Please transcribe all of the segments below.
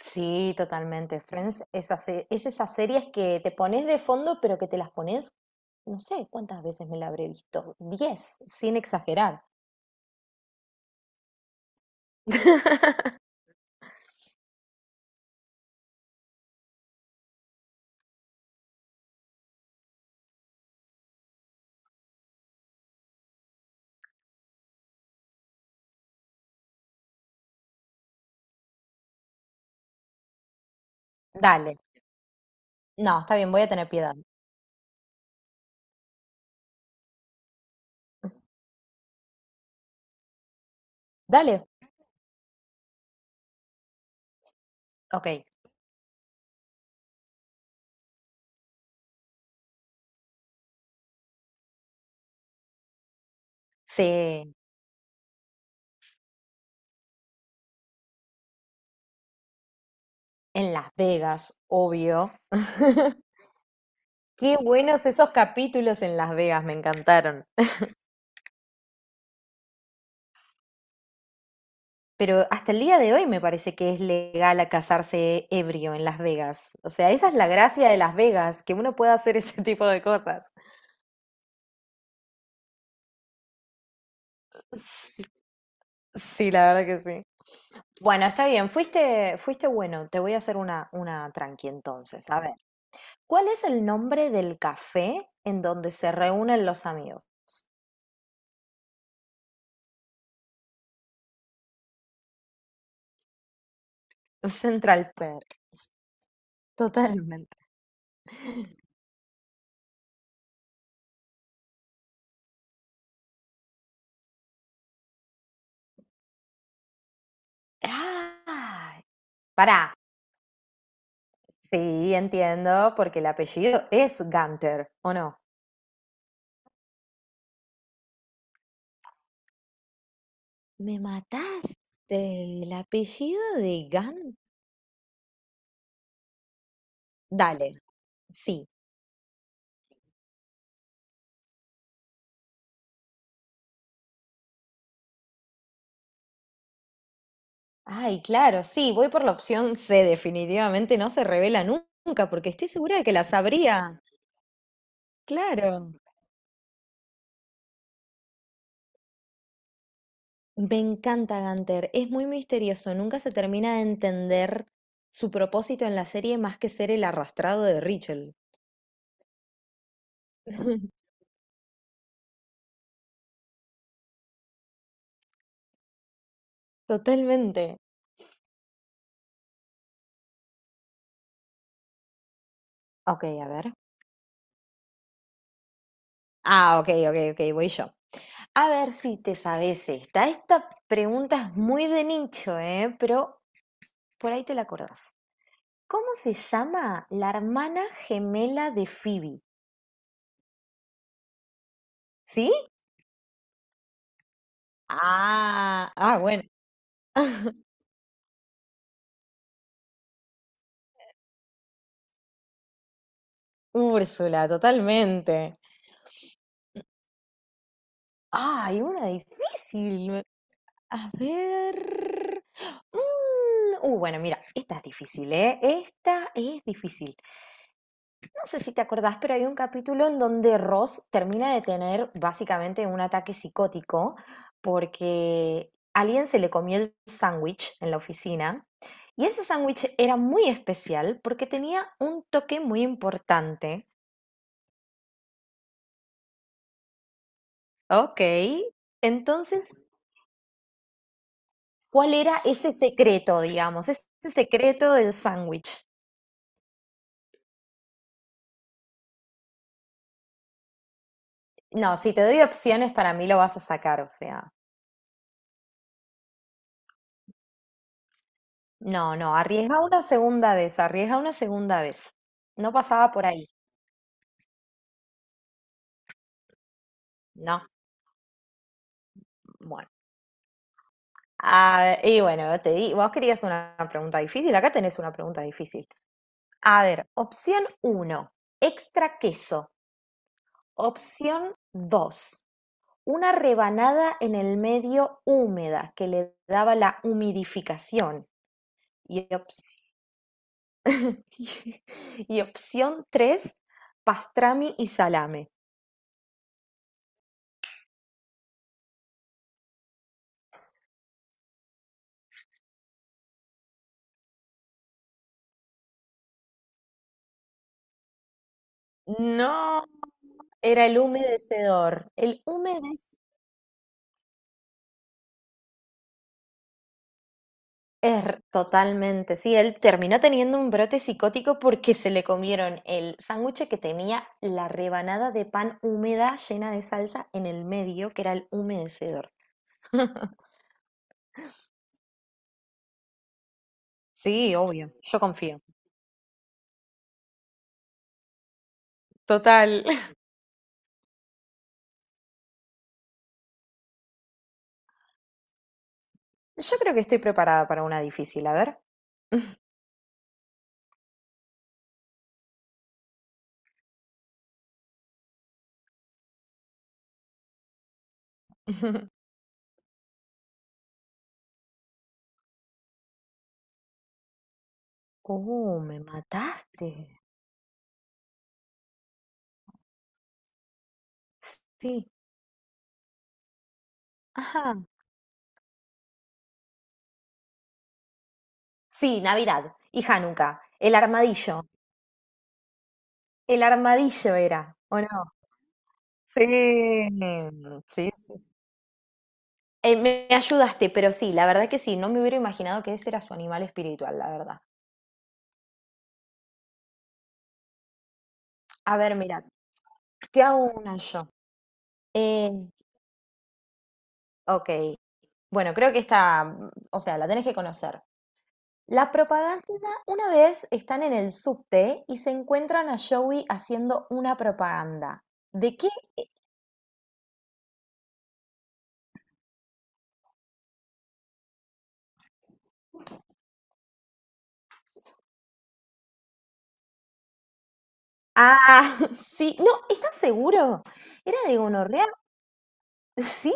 Sí, totalmente. Friends es esas series que te pones de fondo, pero que te las pones, no sé cuántas veces me la habré visto. 10, sin exagerar. Dale. No, está bien, voy a tener piedad. Dale. Ok. Sí, en Las Vegas, obvio. Qué buenos esos capítulos en Las Vegas, me encantaron. Pero hasta el día de hoy me parece que es legal a casarse ebrio en Las Vegas. O sea, esa es la gracia de Las Vegas, que uno pueda hacer ese tipo de cosas. Sí, sí, la verdad que sí. Bueno, está bien, fuiste bueno, te voy a hacer una tranqui entonces. A ver, ¿cuál es el nombre del café en donde se reúnen los amigos? Central Perk, totalmente. Ah, pará. Sí, entiendo, porque el apellido es Gunter, ¿o no? ¿Me mataste el apellido de Gan? Dale, sí. Ay, claro, sí, voy por la opción C, definitivamente no se revela nunca, porque estoy segura de que la sabría. Claro, me encanta Gunther, es muy misterioso, nunca se termina de entender su propósito en la serie más que ser el arrastrado de Rachel. Totalmente. Ok, a ver. Ah, ok, ok, ok, voy yo. A ver si te sabes esta. Esta pregunta es muy de nicho, ¿eh? Pero por ahí te la acordás. ¿Cómo se llama la hermana gemela de Phoebe? ¿Sí? Ah, ah, bueno. Úrsula, totalmente. Ah, hay una difícil. A ver. mm, bueno, mira, esta es difícil, ¿eh? Esta es difícil. No sé si te acordás, pero hay un capítulo en donde Ross termina de tener básicamente un ataque psicótico porque alguien se le comió el sándwich en la oficina. Y ese sándwich era muy especial porque tenía un toque muy importante. Ok, entonces, ¿cuál era ese secreto, digamos? Ese secreto del sándwich. No, si te doy opciones, para mí lo vas a sacar, o sea, no, no, arriesga una segunda vez, arriesga una segunda vez. No pasaba por ahí, no, bueno. Ah, y bueno, te di, vos querías una pregunta difícil, acá tenés una pregunta difícil. A ver, opción uno, extra queso. Opción dos, una rebanada en el medio húmeda que le daba la humidificación. Y, ops- y opción tres, pastrami y salame. No, era el humedecedor. El humedecedor. Er, totalmente, sí, él terminó teniendo un brote psicótico porque se le comieron el sándwich que tenía la rebanada de pan húmeda llena de salsa en el medio, que era el humedecedor. Sí, obvio, yo confío. Total. Yo creo que estoy preparada para una difícil, a ver. Oh, me mataste. Sí. Ajá. Sí, Navidad y Hanukkah. El armadillo. El armadillo era, ¿o no? Sí, sí, sí. Me ayudaste, pero sí, la verdad que sí, no me hubiera imaginado que ese era su animal espiritual, la verdad. A ver, mira, te hago una yo. Eh, ok, bueno, creo que esta, o sea, la tenés que conocer. La propaganda, una vez están en el subte y se encuentran a Joey haciendo una propaganda. ¿De qué? Ah, sí, no, ¿estás seguro? ¿Era de gonorrea? Sí,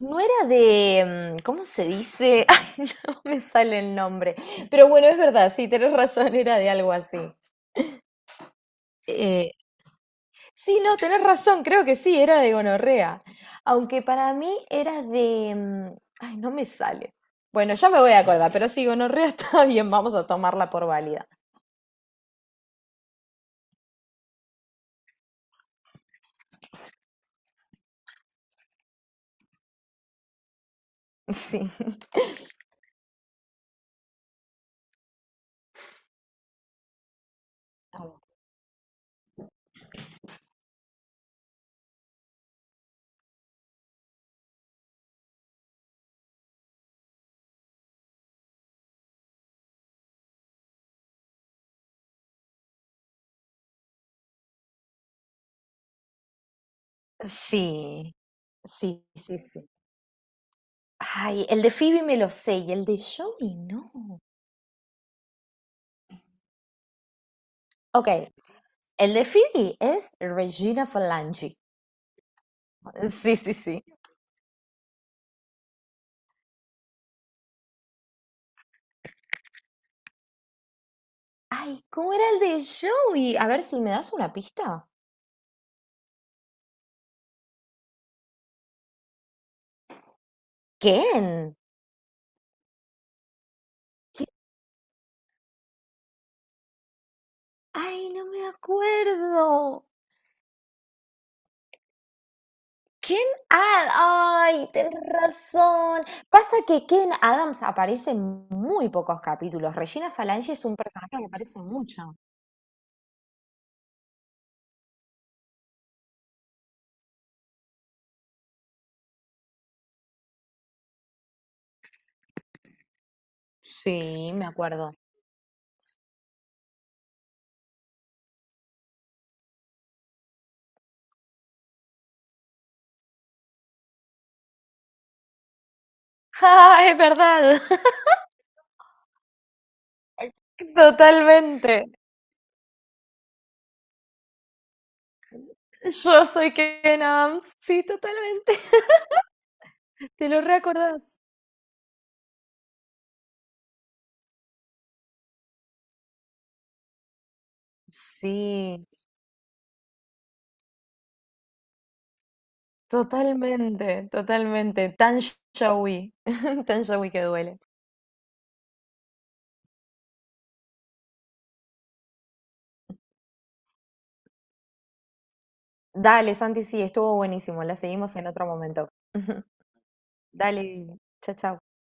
no era de, ¿cómo se dice? Ay, no me sale el nombre. Pero bueno, es verdad, sí, tenés razón, era de algo así. Sí, no, tenés razón, creo que sí, era de gonorrea. Aunque para mí era de ay, no me sale. Bueno, ya me voy a acordar, pero sí, gonorrea está bien, vamos a tomarla por válida. Sí. Sí, sí, sí, sí. Ay, el de Phoebe me lo sé y el de Joey no. Ok, el de Phoebe es Regina Falangi. Sí, sí, sí. Ay, ¿cómo era el de Joey? A ver si me das una pista. ¿Quién? Ay, no me acuerdo. Ken, ay, tenés razón. Pasa que Ken Adams aparece en muy pocos capítulos. Regina Falange es un personaje que aparece mucho. Sí, me acuerdo. Ah, es verdad, totalmente. Yo soy Ken Adams. Sí, totalmente. ¿Te lo reacordás? Sí. Totalmente, totalmente. Tan showy, tan showy que duele. Dale, Santi, sí, estuvo buenísimo. La seguimos en otro momento. Dale, chao, chao.